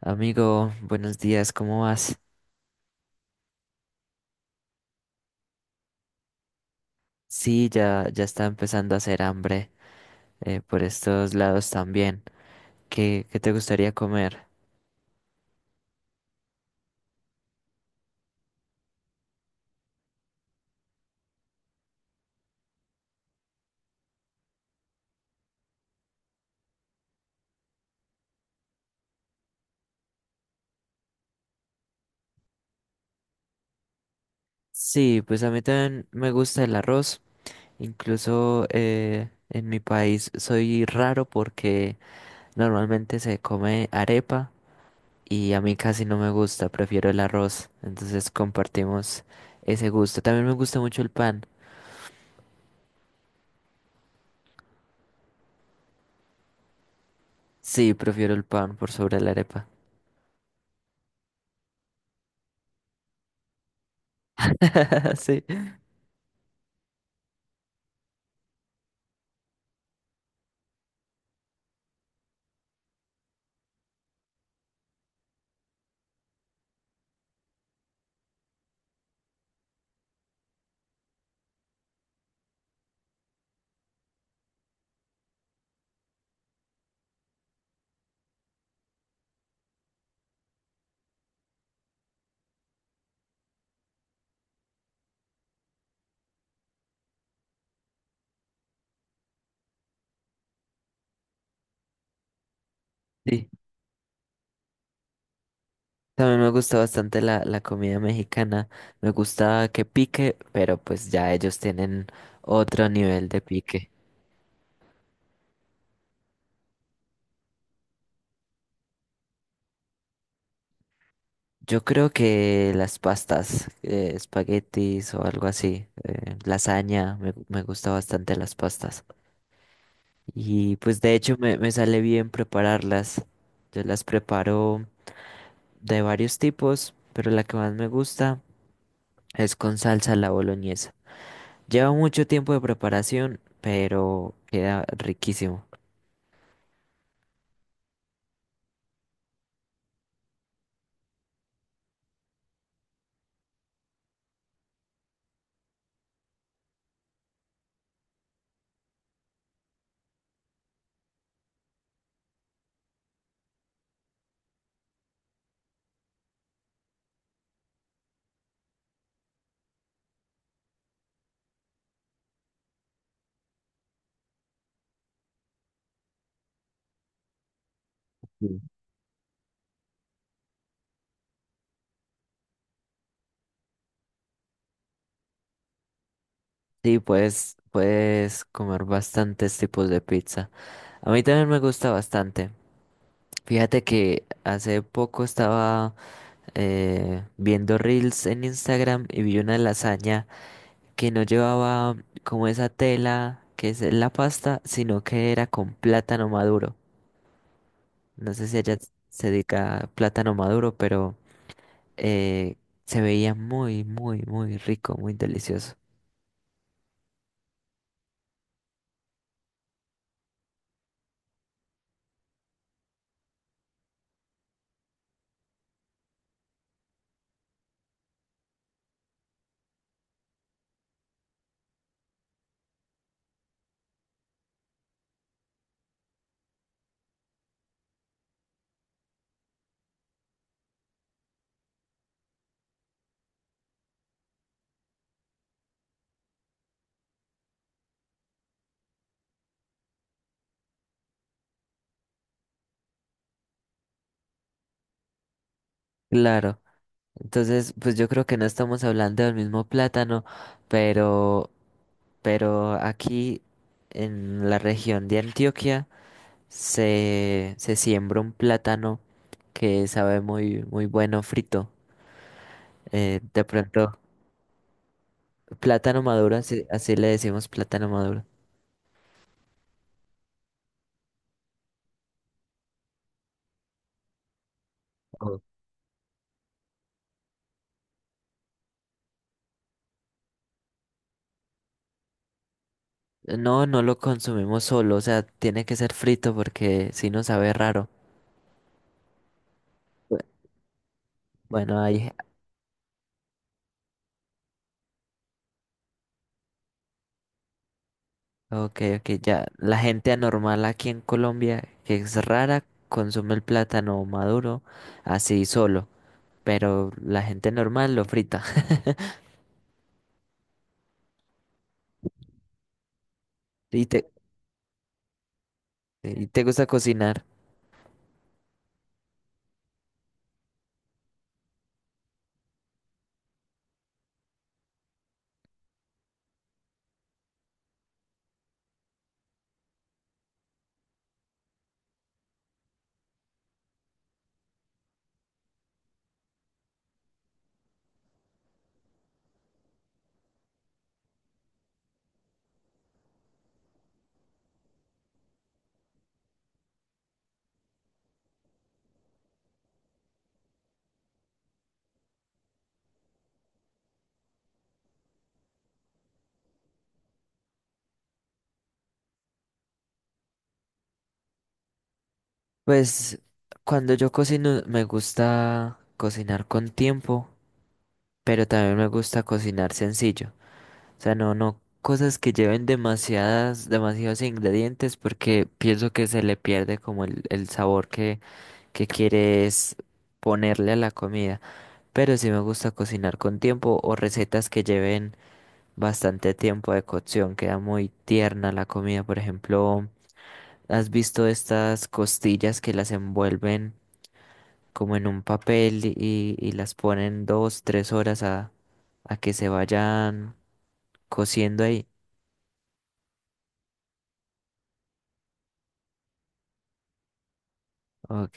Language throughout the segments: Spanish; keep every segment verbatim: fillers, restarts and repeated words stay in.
Amigo, buenos días, ¿cómo vas? Sí, ya, ya está empezando a hacer hambre eh, por estos lados también. ¿Qué, qué te gustaría comer? Sí, pues a mí también me gusta el arroz. Incluso eh, en mi país soy raro porque normalmente se come arepa y a mí casi no me gusta, prefiero el arroz. Entonces compartimos ese gusto. También me gusta mucho el pan. Sí, prefiero el pan por sobre la arepa. Sí. Sí. También me gusta bastante la, la comida mexicana. Me gusta que pique, pero pues ya ellos tienen otro nivel de pique. Yo creo que las pastas, eh, espaguetis o algo así, eh, lasaña, me, gu- me gusta bastante las pastas. Y pues de hecho me, me sale bien prepararlas. Yo las preparo de varios tipos, pero la que más me gusta es con salsa a la boloñesa. Lleva mucho tiempo de preparación, pero queda riquísimo. Sí, puedes, puedes comer bastantes tipos de pizza. A mí también me gusta bastante. Fíjate que hace poco estaba eh, viendo reels en Instagram y vi una lasaña que no llevaba como esa tela que es la pasta, sino que era con plátano maduro. No sé si allá se dedica a plátano maduro, pero eh, se veía muy, muy, muy rico, muy delicioso. Claro. Entonces, pues yo creo que no estamos hablando del mismo plátano, pero, pero aquí en la región de Antioquia se, se siembra un plátano que sabe muy, muy bueno frito. Eh, de pronto, plátano maduro, así, así le decimos plátano maduro. Oh. No, no lo consumimos solo, o sea, tiene que ser frito porque si no sabe raro. Bu- Bueno, hay ok, ok, ya. La gente anormal aquí en Colombia, que es rara, consume el plátano maduro así solo, pero la gente normal lo frita. ¿Y te, y te gusta cocinar? Pues cuando yo cocino me gusta cocinar con tiempo, pero también me gusta cocinar sencillo. O sea, no, no cosas que lleven demasiadas, demasiados ingredientes porque pienso que se le pierde como el, el sabor que, que quieres ponerle a la comida. Pero sí me gusta cocinar con tiempo o recetas que lleven bastante tiempo de cocción. Queda muy tierna la comida. Por ejemplo, ¿has visto estas costillas que las envuelven como en un papel y, y las ponen dos, tres horas a, a que se vayan cociendo ahí? Ok.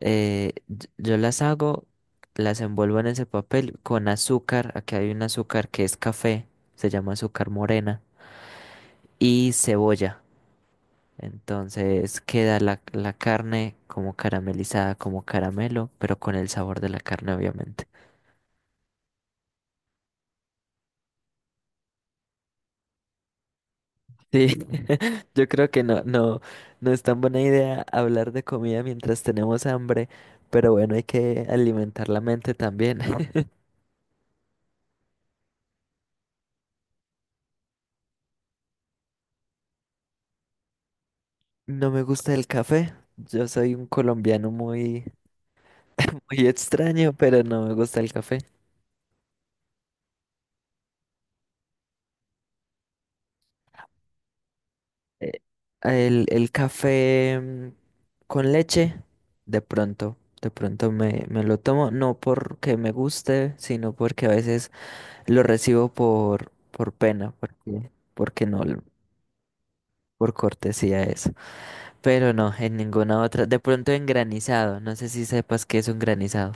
Eh, y- yo las hago, las envuelvo en ese papel con azúcar. Aquí hay un azúcar que es café, se llama azúcar morena y cebolla. Entonces queda la, la carne como caramelizada, como caramelo, pero con el sabor de la carne, obviamente. Sí, yo creo que no, no, no es tan buena idea hablar de comida mientras tenemos hambre, pero bueno, hay que alimentar la mente también. No me gusta el café. Yo soy un colombiano muy, muy extraño, pero no me gusta el café. Eh, El, el café mm, con leche, de pronto, de pronto me, me lo tomo, no porque me guste, sino porque a veces lo recibo por, por pena, porque, porque no, l- por cortesía eso. Pero no, en ninguna otra. De pronto en granizado, no sé si sepas qué es un granizado.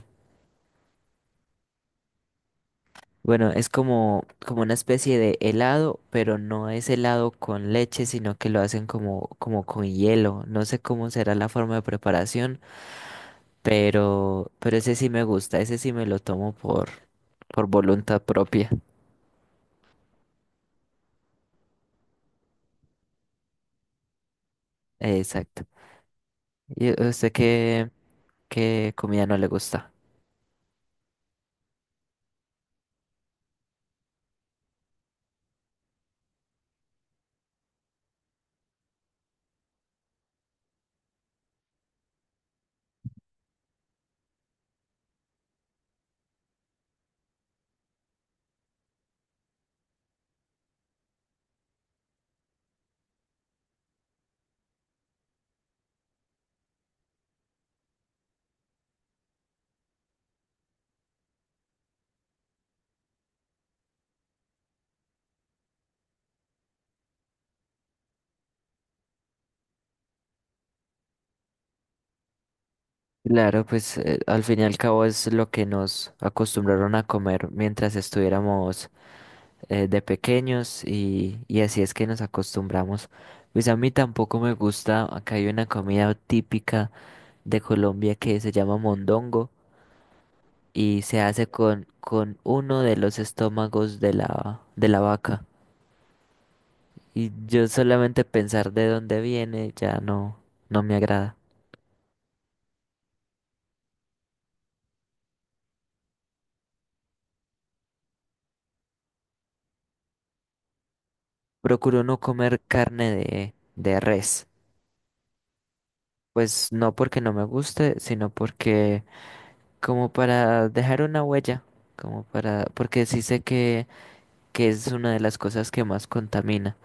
Bueno, es como, como una especie de helado, pero no es helado con leche, sino que lo hacen como, como con hielo. No sé cómo será la forma de preparación. Pero, pero ese sí me gusta, ese sí me lo tomo por, por voluntad propia. Exacto. ¿Y a usted qué, qué comida no le gusta? Claro, pues eh, al fin y al cabo es lo que nos acostumbraron a comer mientras estuviéramos eh, de pequeños y, y así es que nos acostumbramos. Pues a mí tampoco me gusta, acá hay una comida típica de Colombia que se llama mondongo y se hace con, con uno de los estómagos de la, de la vaca. Y yo solamente pensar de dónde viene ya no, no me agrada. Procuro no comer carne de, de res. Pues no porque no me guste, sino porque como para dejar una huella, como para, porque sí sé que, que es una de las cosas que más contamina.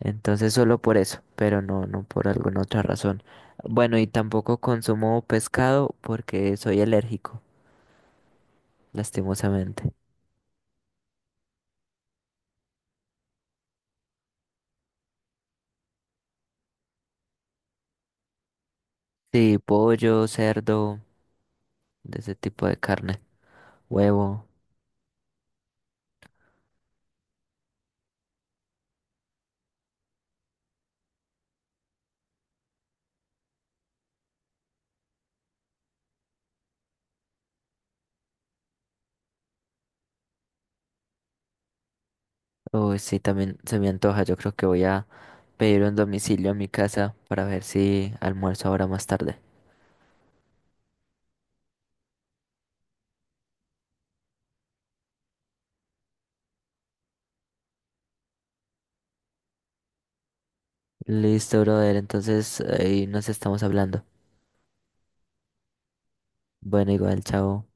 Entonces solo por eso, pero no, no por alguna otra razón. Bueno, y tampoco consumo pescado porque soy alérgico, lastimosamente. Sí, pollo, cerdo, de ese tipo de carne, huevo. Uy, sí, también se me antoja. Yo creo que voy a pedir un domicilio a mi casa para ver si almuerzo ahora más tarde. Listo, brother. Entonces ahí nos estamos hablando. Bueno, igual, chao.